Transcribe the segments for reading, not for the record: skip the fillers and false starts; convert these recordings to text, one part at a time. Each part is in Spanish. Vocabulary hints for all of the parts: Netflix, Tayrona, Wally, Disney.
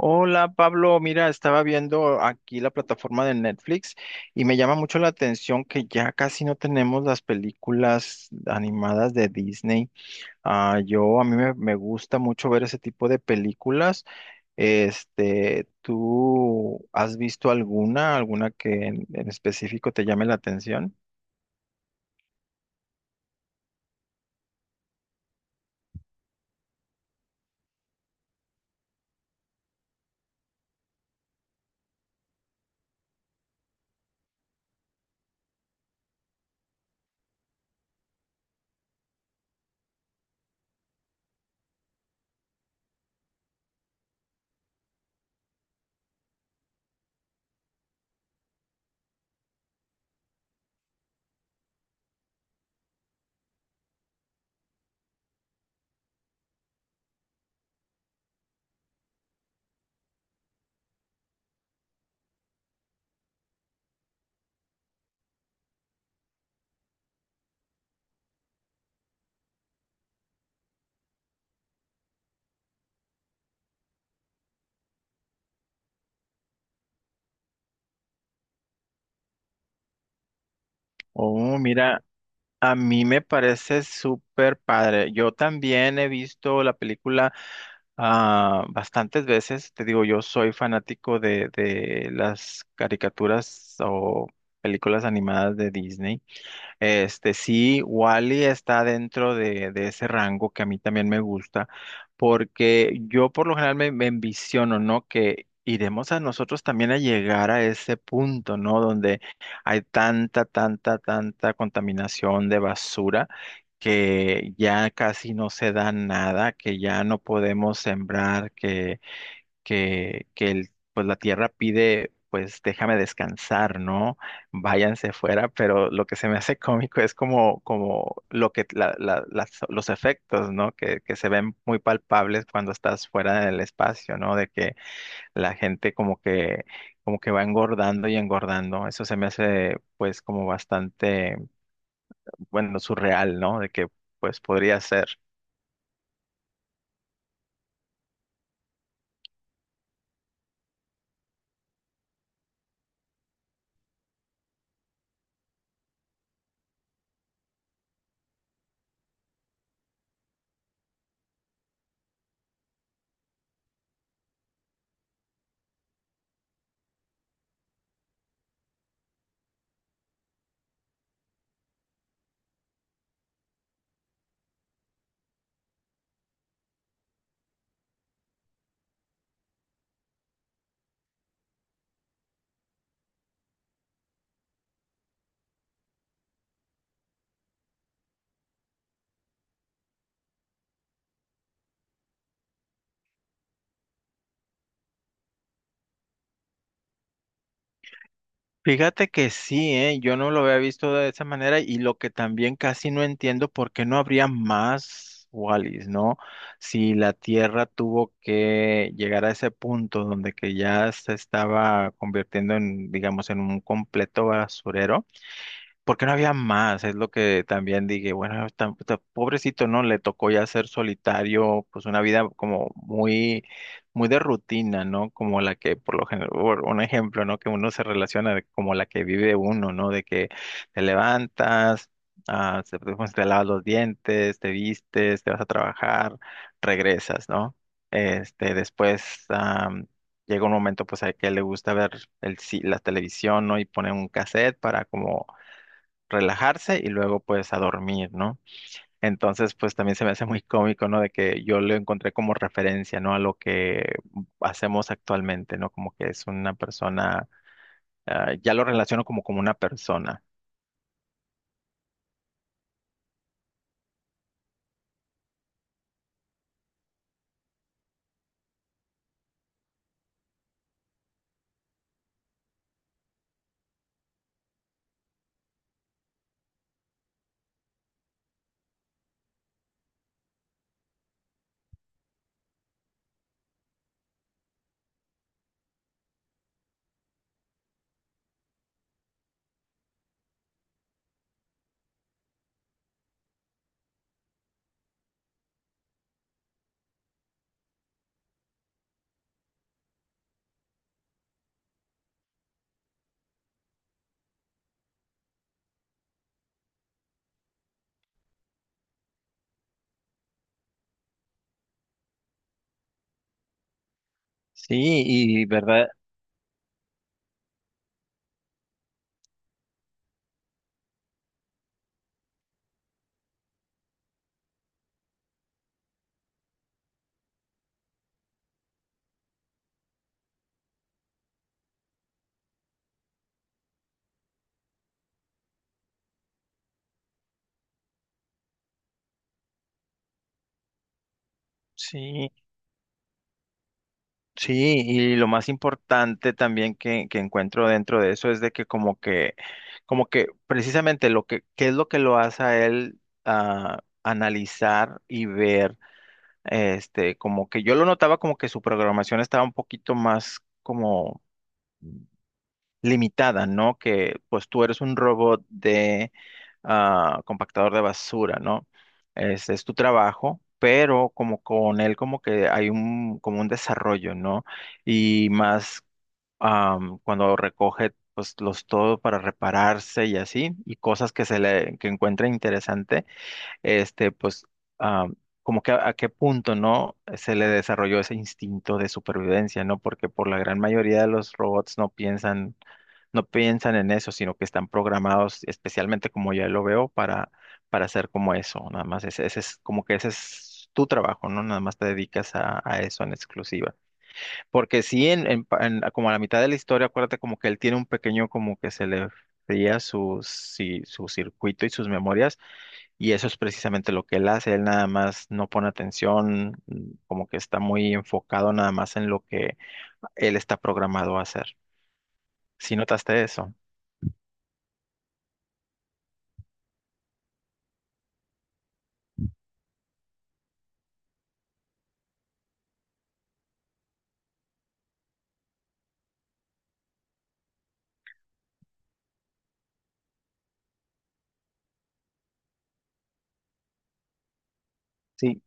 Hola Pablo, mira, estaba viendo aquí la plataforma de Netflix y me llama mucho la atención que ya casi no tenemos las películas animadas de Disney. Ah, yo a mí me gusta mucho ver ese tipo de películas. Este, ¿tú has visto alguna que en específico te llame la atención? Oh, mira. A mí me parece súper padre. Yo también he visto la película bastantes veces. Te digo, yo soy fanático de las caricaturas o películas animadas de Disney. Este, sí, Wally está dentro de ese rango que a mí también me gusta, porque yo por lo general me envisiono, ¿no? Que iremos a nosotros también a llegar a ese punto, ¿no? Donde hay tanta, tanta, tanta contaminación de basura que ya casi no se da nada, que ya no podemos sembrar, que el, pues la tierra pide, pues déjame descansar, ¿no? Váyanse fuera, pero lo que se me hace cómico es como, como lo que los efectos, ¿no? Que se ven muy palpables cuando estás fuera del espacio, ¿no? De que la gente como que va engordando y engordando. Eso se me hace, pues, como bastante, bueno, surreal, ¿no? De que, pues, podría ser. Fíjate que sí, ¿eh? Yo no lo había visto de esa manera y lo que también casi no entiendo, ¿por qué no habría más Wallis, ¿no? Si la Tierra tuvo que llegar a ese punto donde que ya se estaba convirtiendo en, digamos, en un completo basurero porque no había más, es lo que también dije, bueno, tan pobrecito, ¿no? Le tocó ya ser solitario, pues una vida como muy, muy de rutina, ¿no? Como la que, por lo general, por un ejemplo, ¿no? Que uno se relaciona como la que vive uno, ¿no? De que te levantas, pues, te lavas los dientes, te vistes, te vas a trabajar, regresas, ¿no? Este, después, llega un momento pues a que le gusta ver la televisión, ¿no? Y pone un cassette para como relajarse y luego pues a dormir, ¿no? Entonces pues también se me hace muy cómico, ¿no? De que yo lo encontré como referencia, ¿no? A lo que hacemos actualmente, ¿no? Como que es una persona, ya lo relaciono como una persona. Sí, y verdad, sí, sí, y lo más importante también que encuentro dentro de eso es de que como que, como que precisamente lo que, ¿qué es lo que lo hace a él analizar y ver? Este, como que yo lo notaba como que su programación estaba un poquito más como limitada, ¿no? Que pues tú eres un robot de compactador de basura, ¿no? Ese es tu trabajo, pero como con él como que hay un, como un desarrollo, ¿no? Y más cuando recoge pues los todo para repararse y así, y cosas que se le, que encuentra interesante este, pues, ah, como que a qué punto, ¿no? Se le desarrolló ese instinto de supervivencia, ¿no? Porque por la gran mayoría de los robots no piensan, no piensan en eso, sino que están programados, especialmente como ya lo veo, para hacer como eso, nada más. Ese es como que ese es tu trabajo, ¿no? Nada más te dedicas a eso en exclusiva. Porque sí, en como a la mitad de la historia, acuérdate como que él tiene un pequeño, como que se le fría su, si- su circuito y sus memorias y eso es precisamente lo que él hace, él nada más no pone atención, como que está muy enfocado nada más en lo que él está programado a hacer. ¿Sí notaste eso? Sí.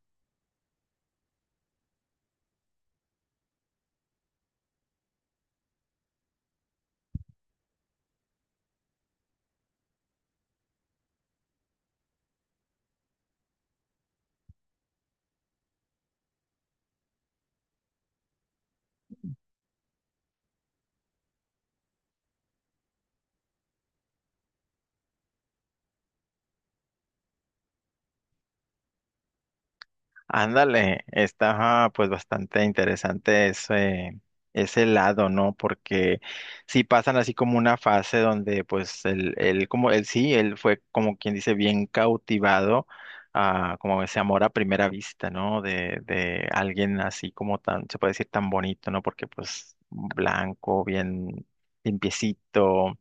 Ándale, está pues bastante interesante ese, ese lado, ¿no? Porque sí pasan así como una fase donde pues él como él sí, él fue como quien dice bien cautivado a como ese amor a primera vista, ¿no? De alguien así como tan, se puede decir tan bonito, ¿no? Porque pues blanco, bien limpiecito,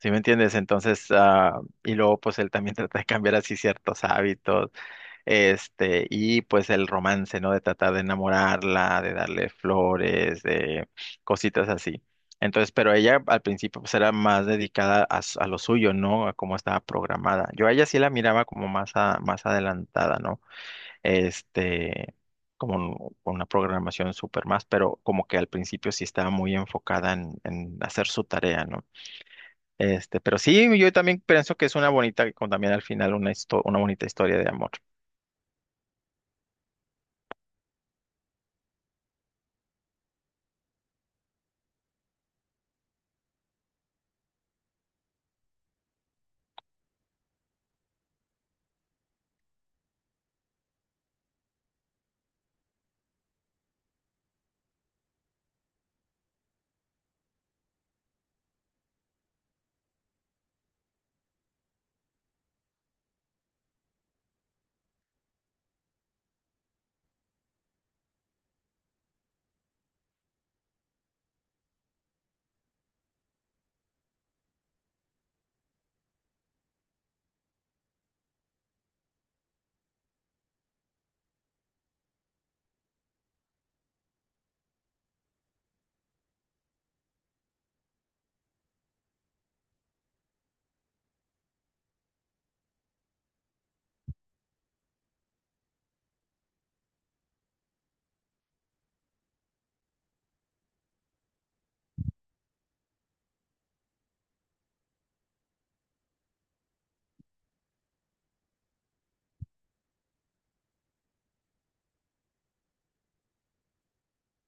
¿sí me entiendes? Entonces, ah, y luego pues él también trata de cambiar así ciertos hábitos este, y pues el romance, ¿no? De tratar de enamorarla, de darle flores, de cositas así. Entonces, pero ella al principio pues era más dedicada a, a lo suyo, ¿no? A cómo estaba programada. Yo a ella sí la miraba como más, más adelantada, ¿no? Este, como con una programación súper más, pero como que al principio sí estaba muy enfocada en hacer su tarea, ¿no? Este, pero sí, yo también pienso que es una bonita, con también al final una, una bonita historia de amor.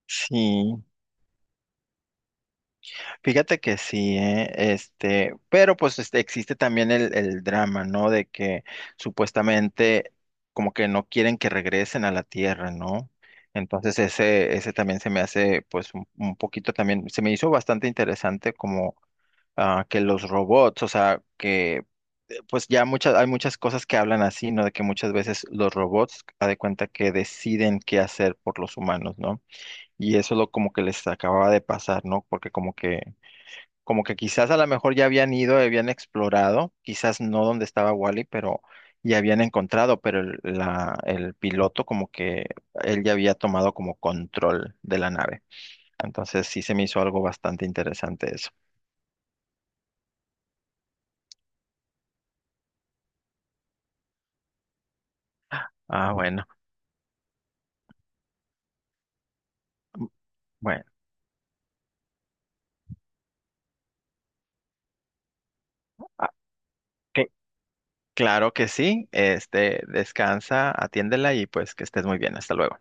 Sí. Fíjate que sí, ¿eh? Este, pero pues este, existe también el drama, ¿no? De que supuestamente como que no quieren que regresen a la Tierra, ¿no? Entonces ese también se me hace pues un poquito también, se me hizo bastante interesante como que los robots, o sea, que pues ya muchas, hay muchas cosas que hablan así, ¿no? De que muchas veces los robots, a de cuenta que deciden qué hacer por los humanos, ¿no? Y eso es lo como que les acababa de pasar, ¿no? Porque como que quizás a lo mejor ya habían ido, habían explorado, quizás no donde estaba Wally, pero ya habían encontrado, pero el, la, el piloto como que él ya había tomado como control de la nave. Entonces sí se me hizo algo bastante interesante eso. Ah, bueno. Mm. Bueno, ah, que- claro que sí. Este, descansa, atiéndela y pues que estés muy bien. Hasta luego.